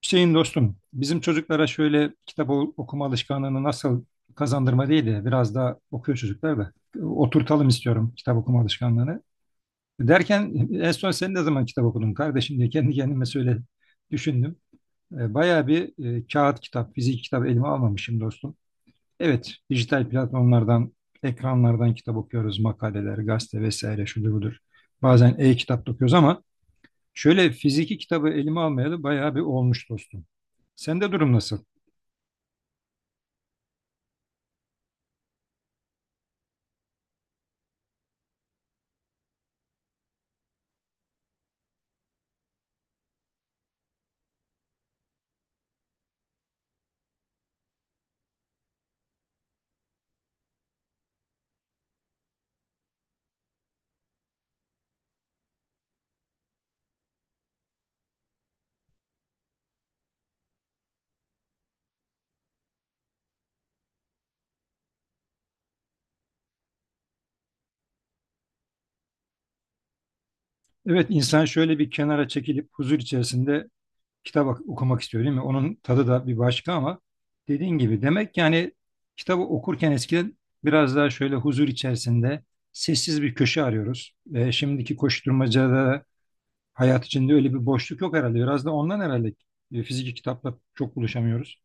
Bizim çocuklara şöyle kitap okuma alışkanlığını nasıl kazandırma değil de biraz daha okuyor çocuklar da oturtalım istiyorum kitap okuma alışkanlığını. Derken en son sen ne zaman kitap okudun kardeşim diye kendi kendime söyle düşündüm. Bayağı bir kağıt kitap, fizik kitap elime almamışım dostum. Evet, dijital platformlardan, ekranlardan kitap okuyoruz, makaleler, gazete vesaire şudur budur. Bazen e-kitap da okuyoruz ama şöyle fiziki kitabı elime almayalı bayağı bir olmuş dostum. Sende durum nasıl? Evet, insan şöyle bir kenara çekilip huzur içerisinde kitap okumak istiyor değil mi? Onun tadı da bir başka ama dediğin gibi demek ki yani kitabı okurken eskiden biraz daha şöyle huzur içerisinde sessiz bir köşe arıyoruz. Şimdiki koşturmacada hayat içinde öyle bir boşluk yok herhalde. Biraz da ondan herhalde fiziki kitapla çok buluşamıyoruz.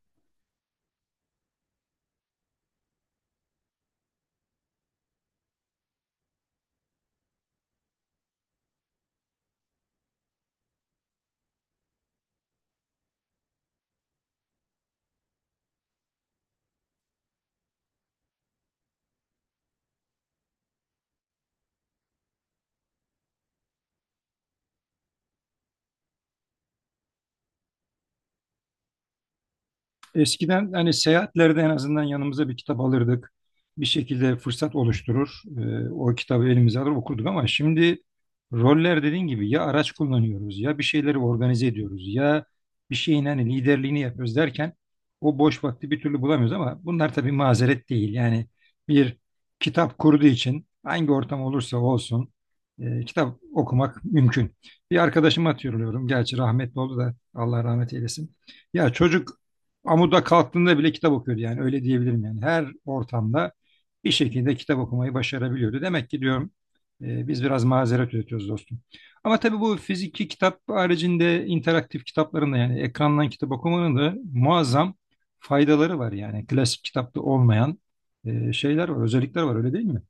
Eskiden hani seyahatlerde en azından yanımıza bir kitap alırdık. Bir şekilde fırsat oluşturur, o kitabı elimize alır okurduk ama şimdi roller dediğin gibi ya araç kullanıyoruz ya bir şeyleri organize ediyoruz ya bir şeyin hani liderliğini yapıyoruz derken o boş vakti bir türlü bulamıyoruz ama bunlar tabii mazeret değil. Yani bir kitap kurduğu için hangi ortam olursa olsun kitap okumak mümkün. Bir arkadaşıma hatırlıyorum. Gerçi rahmetli oldu da Allah rahmet eylesin. Ya çocuk amuda kalktığında bile kitap okuyordu yani öyle diyebilirim yani. Her ortamda bir şekilde kitap okumayı başarabiliyordu. Demek ki diyorum, biz biraz mazeret üretiyoruz dostum. Ama tabii bu fiziki kitap haricinde interaktif kitapların da yani ekrandan kitap okumanın da muazzam faydaları var yani. Klasik kitapta olmayan şeyler var, özellikler var, öyle değil mi?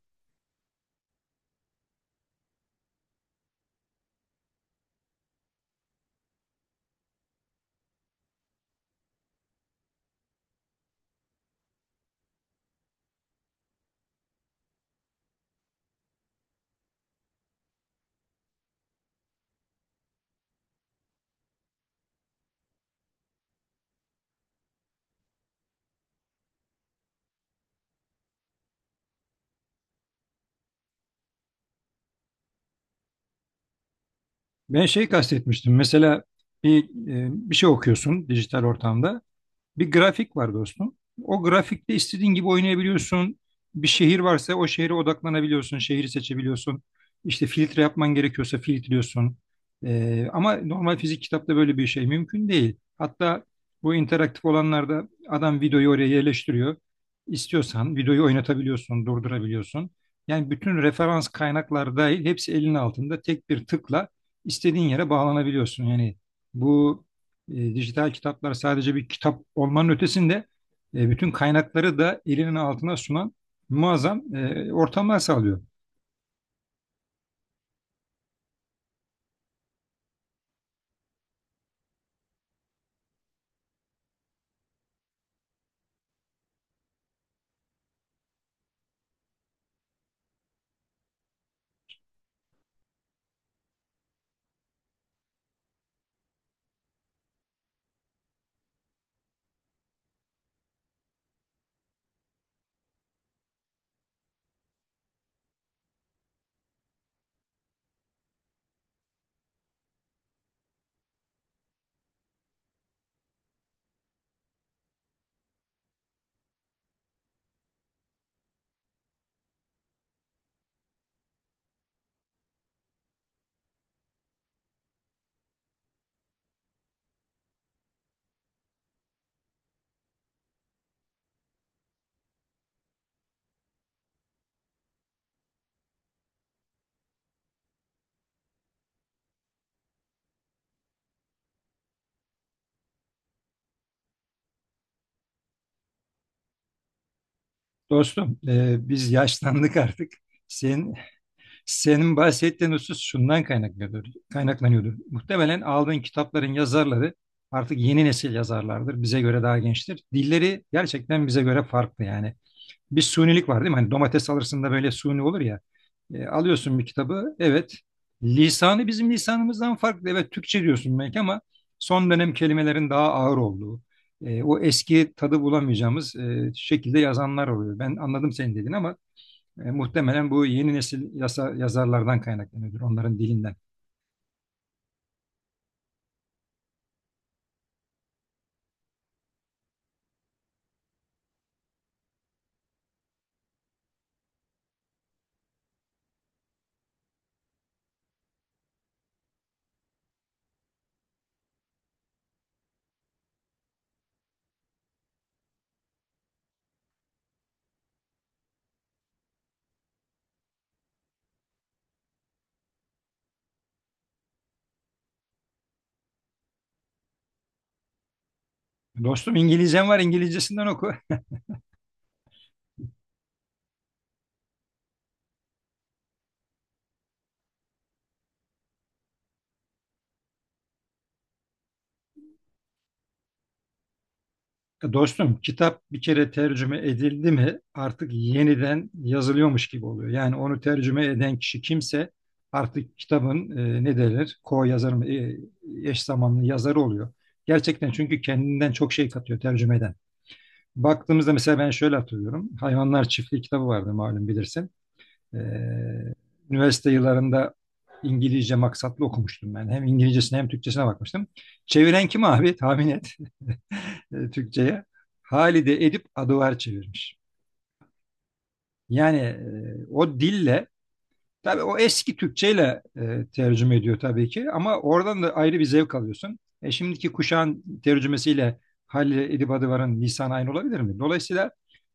Ben şey kastetmiştim mesela bir, bir şey okuyorsun dijital ortamda. Bir grafik var dostum. O grafikte istediğin gibi oynayabiliyorsun. Bir şehir varsa o şehre odaklanabiliyorsun, şehri seçebiliyorsun. İşte filtre yapman gerekiyorsa filtriyorsun. Ama normal fizik kitapta böyle bir şey mümkün değil. Hatta bu interaktif olanlarda adam videoyu oraya yerleştiriyor. İstiyorsan videoyu oynatabiliyorsun, durdurabiliyorsun. Yani bütün referans kaynaklar dahil hepsi elinin altında tek bir tıkla istediğin yere bağlanabiliyorsun. Yani bu dijital kitaplar sadece bir kitap olmanın ötesinde bütün kaynakları da elinin altına sunan muazzam ortamlar sağlıyor. Dostum, biz yaşlandık artık. Senin, senin bahsettiğin husus şundan kaynaklanıyordur. Muhtemelen aldığın kitapların yazarları artık yeni nesil yazarlardır. Bize göre daha gençtir. Dilleri gerçekten bize göre farklı yani, bir sunilik var değil mi? Hani domates alırsın da böyle suni olur ya. E, alıyorsun bir kitabı. Evet. Lisanı bizim lisanımızdan farklı. Evet, Türkçe diyorsun belki ama son dönem kelimelerin daha ağır olduğu, o eski tadı bulamayacağımız şekilde yazanlar oluyor. Ben anladım senin dediğin ama muhtemelen bu yeni nesil yazarlardan kaynaklanıyordur, onların dilinden. Dostum, İngilizcen var, İngilizcesinden oku. Dostum, kitap bir kere tercüme edildi mi artık yeniden yazılıyormuş gibi oluyor. Yani onu tercüme eden kişi kimse artık kitabın ne denir? Co-yazar mı? E, eş zamanlı yazarı oluyor. Gerçekten çünkü kendinden çok şey katıyor tercümeden. Baktığımızda mesela ben şöyle hatırlıyorum. Hayvanlar Çiftliği kitabı vardı, malum bilirsin. E, Üniversite yıllarında İngilizce maksatlı okumuştum ben. Hem İngilizcesine hem Türkçesine bakmıştım. Çeviren kim abi? Tahmin et, Türkçe'ye Halide Edip Adıvar çevirmiş. Yani o dille, tabii o eski Türkçeyle tercüme ediyor tabii ki ama oradan da ayrı bir zevk alıyorsun. E, şimdiki kuşağın tercümesiyle Halide Edip Adıvar'ın lisanı aynı olabilir mi? Dolayısıyla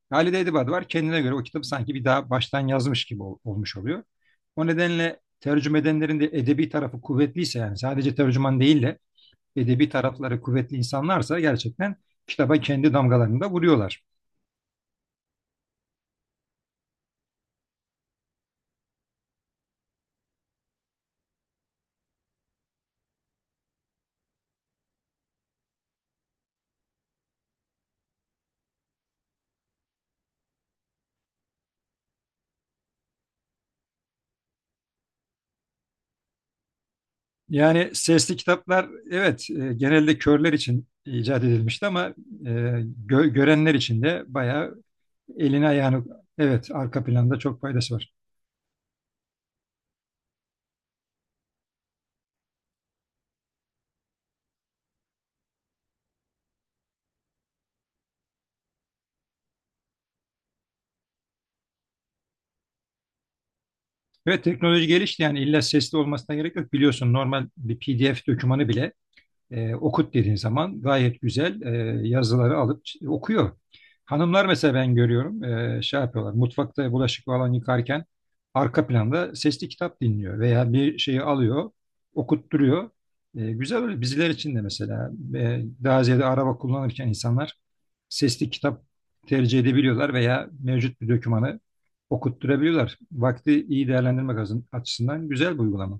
Halide Edip Adıvar kendine göre o kitabı sanki bir daha baştan yazmış gibi olmuş oluyor. O nedenle tercüme edenlerin de edebi tarafı kuvvetliyse yani sadece tercüman değil de edebi tarafları kuvvetli insanlarsa gerçekten kitaba kendi damgalarını da vuruyorlar. Yani sesli kitaplar, evet, genelde körler için icat edilmişti ama e, görenler için de bayağı elini ayağını, evet, arka planda çok faydası var. Evet, teknoloji gelişti yani illa sesli olmasına gerek yok. Biliyorsun, normal bir PDF dokümanı bile okut dediğin zaman gayet güzel yazıları alıp okuyor. Hanımlar mesela, ben görüyorum, şey yapıyorlar mutfakta bulaşık falan yıkarken arka planda sesli kitap dinliyor veya bir şeyi alıyor okutturuyor. E, güzel öyle. Bizler için de mesela daha ziyade araba kullanırken insanlar sesli kitap tercih edebiliyorlar veya mevcut bir dokümanı okutturabiliyorlar. Vakti iyi değerlendirmek açısından güzel bir uygulama.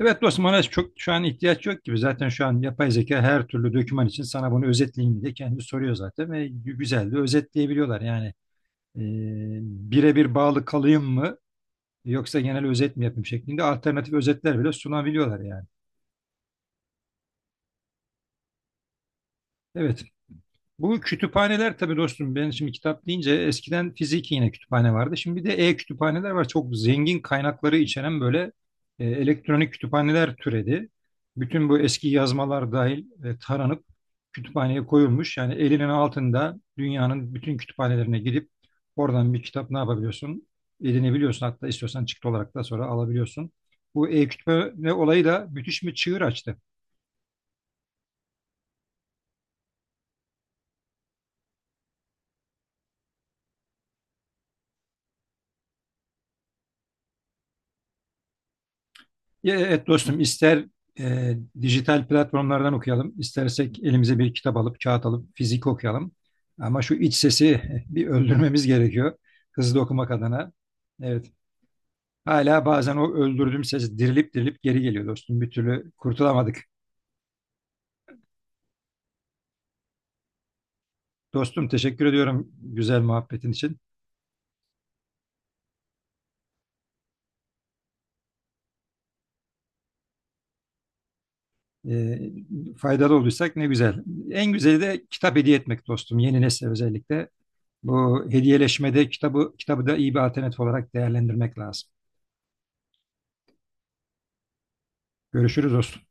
Evet dostum, ona çok şu an ihtiyaç yok gibi. Zaten şu an yapay zeka her türlü doküman için sana bunu özetleyin diye kendi soruyor zaten ve güzel de özetleyebiliyorlar. Yani e, birebir bağlı kalayım mı yoksa genel özet mi yapayım şeklinde alternatif özetler bile sunabiliyorlar yani. Evet. Bu kütüphaneler tabii dostum, ben şimdi kitap deyince eskiden fiziki yine kütüphane vardı. Şimdi bir de e-kütüphaneler var. Çok zengin kaynakları içeren böyle elektronik kütüphaneler türedi. Bütün bu eski yazmalar dahil taranıp kütüphaneye koyulmuş. Yani elinin altında dünyanın bütün kütüphanelerine gidip oradan bir kitap ne yapabiliyorsun? Edinebiliyorsun, hatta istiyorsan çıktı olarak da sonra alabiliyorsun. Bu e-kütüphane olayı da müthiş bir çığır açtı. Evet dostum, ister e, dijital platformlardan okuyalım, istersek elimize bir kitap alıp kağıt alıp fizik okuyalım. Ama şu iç sesi bir öldürmemiz gerekiyor hızlı okumak adına. Evet, hala bazen o öldürdüğüm ses dirilip dirilip geri geliyor dostum. Bir türlü kurtulamadık. Dostum, teşekkür ediyorum güzel muhabbetin için. E, faydalı olduysak ne güzel. En güzeli de kitap hediye etmek dostum, yeni nesle özellikle. Bu hediyeleşmede kitabı da iyi bir alternatif olarak değerlendirmek lazım. Görüşürüz dostum.